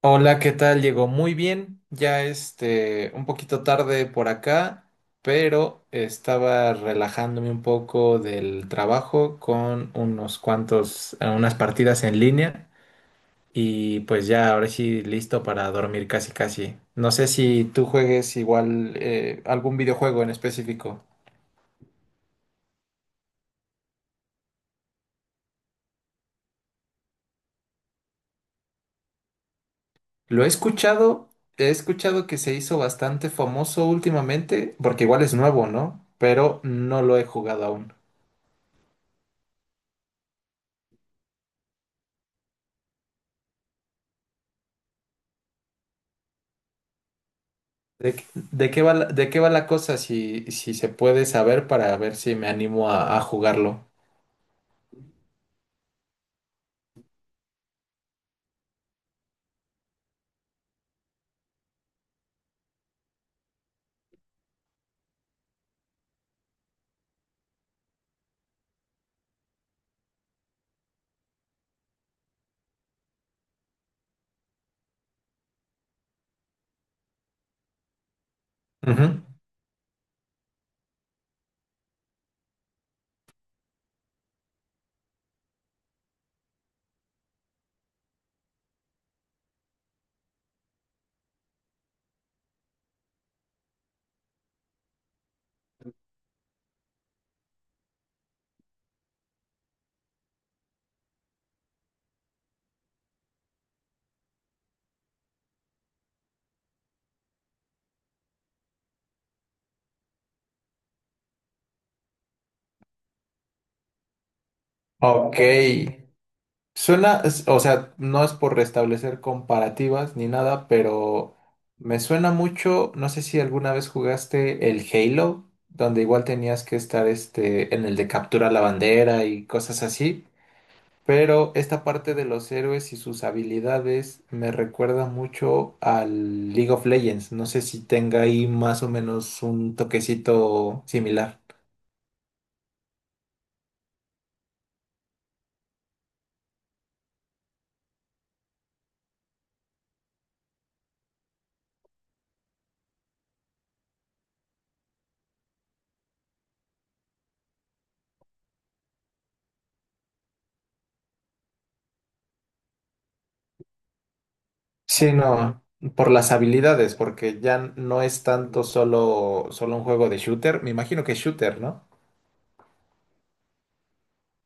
Hola, ¿qué tal? Llegó muy bien, ya un poquito tarde por acá, pero estaba relajándome un poco del trabajo con unas partidas en línea y pues ya ahora sí listo para dormir casi casi. No sé si tú juegues igual algún videojuego en específico. Lo he escuchado, he escuchado que se hizo bastante famoso últimamente, porque igual es nuevo, ¿no? Pero no lo he jugado aún. ¿De qué va la cosa? Si se puede saber para ver si me animo a jugarlo. Ujú. Ok. Suena, o sea, no es por restablecer comparativas ni nada, pero me suena mucho, no sé si alguna vez jugaste el Halo, donde igual tenías que estar en el de captura la bandera y cosas así. Pero esta parte de los héroes y sus habilidades me recuerda mucho al League of Legends. No sé si tenga ahí más o menos un toquecito similar. Sí, no, por las habilidades, porque ya no es tanto solo un juego de shooter. Me imagino que es shooter, ¿no?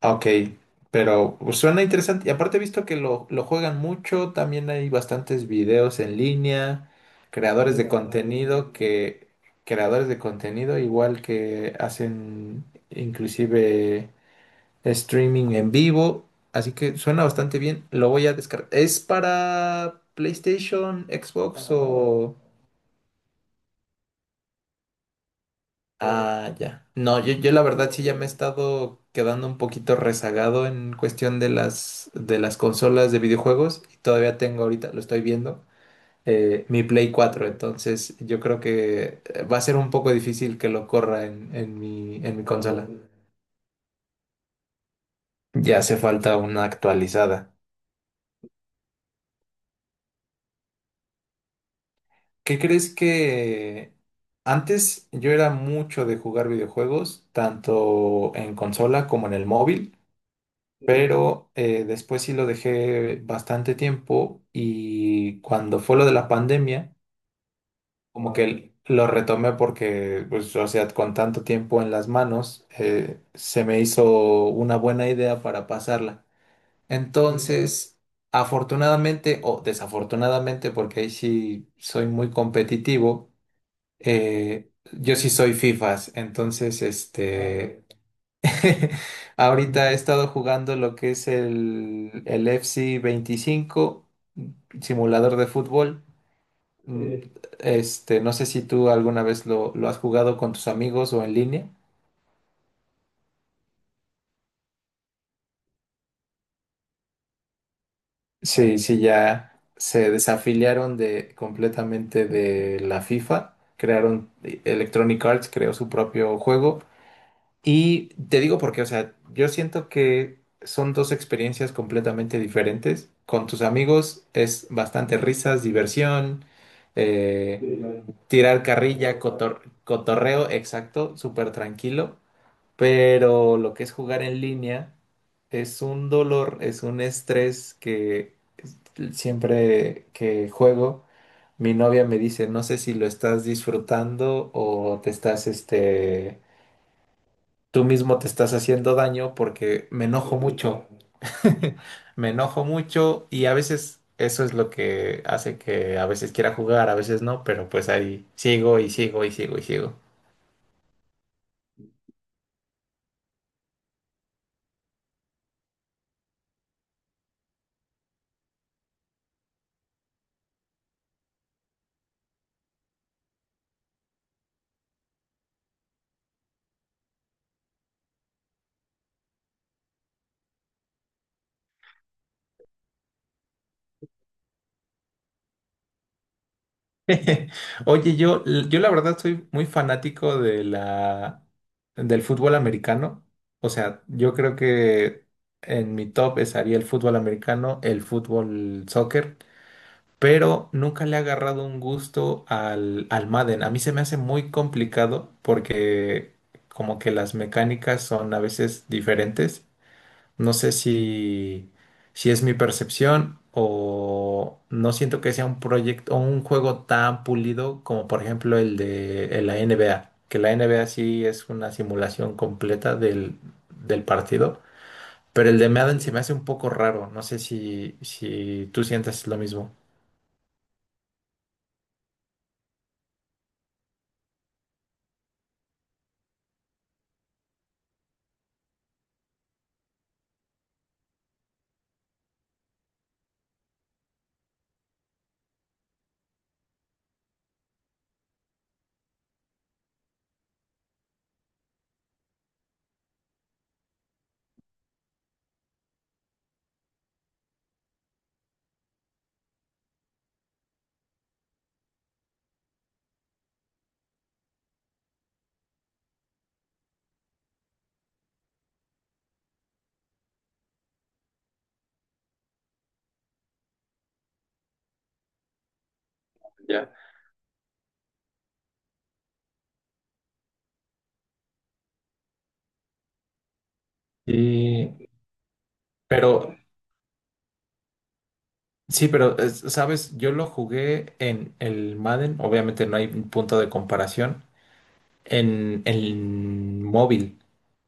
Ah, ok, pero pues, suena interesante. Y aparte he visto que lo juegan mucho, también hay bastantes videos en línea, creadores de contenido que, creadores de contenido igual que hacen inclusive streaming en vivo, así que suena bastante bien. Lo voy a descargar. ¿Es para PlayStation, Xbox o...? Ah, ya. No, yo la verdad sí ya me he estado quedando un poquito rezagado en cuestión de las consolas de videojuegos y todavía tengo ahorita, lo estoy viendo, mi Play 4, entonces yo creo que va a ser un poco difícil que lo corra en mi consola. Ya hace falta una actualizada. ¿Qué crees que antes yo era mucho de jugar videojuegos, tanto en consola como en el móvil? Pero después sí lo dejé bastante tiempo y cuando fue lo de la pandemia, como que lo retomé porque, pues, o sea, con tanto tiempo en las manos, se me hizo una buena idea para pasarla. Entonces, afortunadamente o desafortunadamente, porque ahí sí soy muy competitivo, yo sí soy FIFAs, entonces. Ahorita he estado jugando lo que es el FC 25, simulador de fútbol. Mm, no sé si tú alguna vez lo has jugado con tus amigos o en línea. Sí, sí, ya se desafiliaron de completamente de la FIFA. Crearon Electronic Arts, creó su propio juego. Y te digo porque, o sea, yo siento que son dos experiencias completamente diferentes. Con tus amigos es bastante risas, diversión, tirar carrilla, cotorreo, exacto, súper tranquilo. Pero lo que es jugar en línea es un dolor, es un estrés que siempre que juego, mi novia me dice, no sé si lo estás disfrutando o te estás, tú mismo te estás haciendo daño porque me enojo mucho. Me enojo mucho y a veces eso es lo que hace que a veces quiera jugar, a veces no, pero pues ahí sigo y sigo y sigo y sigo. Oye, yo la verdad soy muy fanático de del fútbol americano. O sea, yo creo que en mi top estaría el fútbol americano, el fútbol soccer. Pero nunca le he agarrado un gusto al Madden. A mí se me hace muy complicado porque como que las mecánicas son a veces diferentes. No sé si es mi percepción o no siento que sea un proyecto o un juego tan pulido como por ejemplo el de el la NBA, que la NBA sí es una simulación completa del partido. Pero el de Madden se me hace un poco raro. No sé si tú sientes lo mismo. Y, pero sí, sabes, yo lo jugué en el Madden, obviamente no hay un punto de comparación, en el móvil,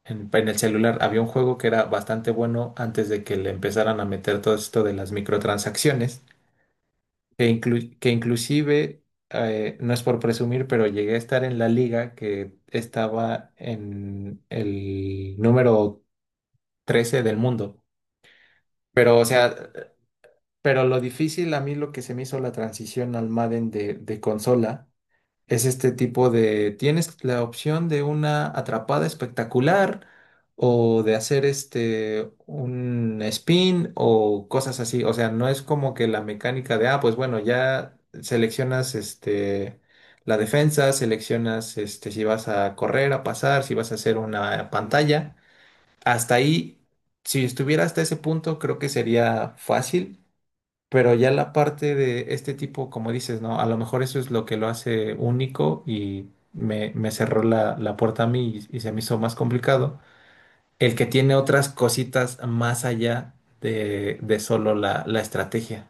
en el celular. Había un juego que era bastante bueno antes de que le empezaran a meter todo esto de las microtransacciones, que inclusive, no es por presumir, pero llegué a estar en la liga que estaba en el número 13 del mundo. Pero, o sea, lo difícil a mí lo que se me hizo la transición al Madden de consola es este tipo de, tienes la opción de una atrapada espectacular o de hacer un spin o cosas así. O sea, no es como que la mecánica de, pues bueno, ya seleccionas la defensa, seleccionas si vas a correr, a pasar, si vas a hacer una pantalla. Hasta ahí, si estuviera hasta ese punto, creo que sería fácil, pero ya la parte de este tipo, como dices, ¿no? A lo mejor eso es lo que lo hace único y me cerró la puerta a mí y se me hizo más complicado. El que tiene otras cositas más allá de solo la estrategia.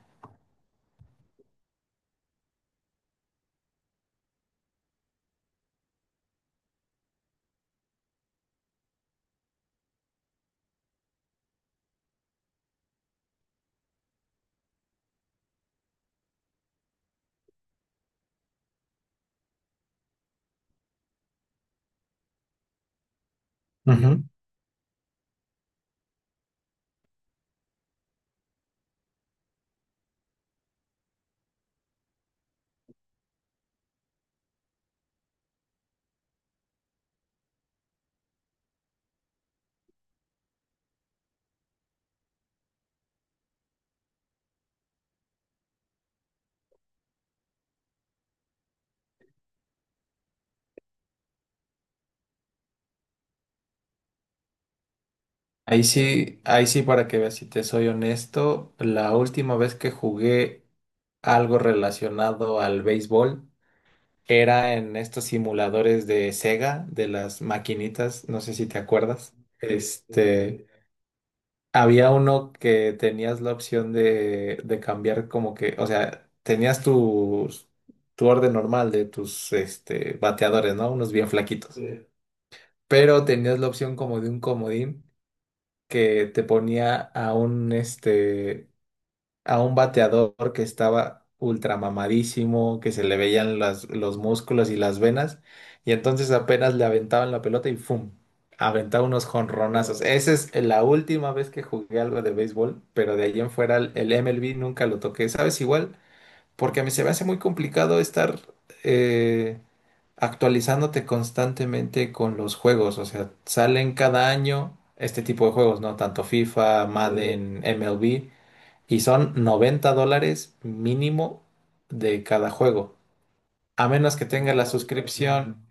Ujú. Ahí sí, para que veas, si te soy honesto, la última vez que jugué algo relacionado al béisbol era en estos simuladores de Sega, de las maquinitas, no sé si te acuerdas. Este. Había uno que tenías la opción de cambiar como que, o sea, tenías tu orden normal de tus bateadores, ¿no? Unos bien flaquitos. Sí. Pero tenías la opción como de un comodín que te ponía a un bateador que estaba ultra mamadísimo, que se le veían los músculos y las venas, y entonces apenas le aventaban la pelota y ¡fum! Aventaba unos jonronazos. No. Esa es la última vez que jugué algo de béisbol, pero de ahí en fuera el MLB nunca lo toqué, ¿sabes? Igual, porque a mí se me hace muy complicado estar eh, actualizándote constantemente con los juegos, o sea, salen cada año este tipo de juegos, ¿no? Tanto FIFA, sí, Madden, MLB. Y son $90 mínimo de cada juego. A menos que tenga la suscripción.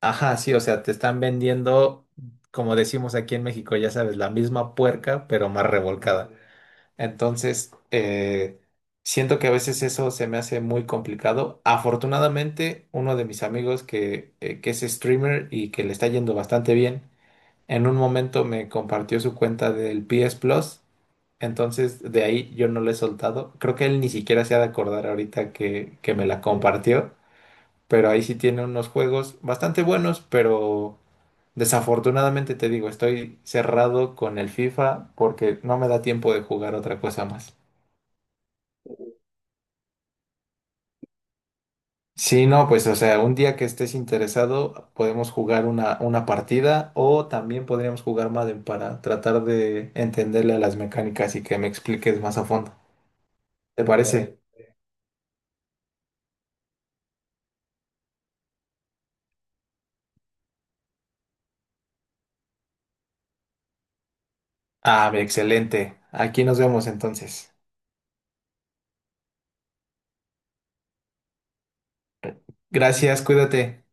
Ajá, sí, o sea, te están vendiendo, como decimos aquí en México, ya sabes, la misma puerca, pero más revolcada. Entonces, siento que a veces eso se me hace muy complicado. Afortunadamente, uno de mis amigos que es streamer y que le está yendo bastante bien, en un momento me compartió su cuenta del PS Plus. Entonces, de ahí yo no la he soltado. Creo que él ni siquiera se ha de acordar ahorita que me la compartió. Pero ahí sí tiene unos juegos bastante buenos, pero desafortunadamente te digo, estoy cerrado con el FIFA porque no me da tiempo de jugar otra cosa más. Sí, no, pues o sea, un día que estés interesado podemos jugar una partida o también podríamos jugar Madden para tratar de entenderle a las mecánicas y que me expliques más a fondo. ¿Te parece? Ah, excelente. Aquí nos vemos entonces. Gracias, cuídate.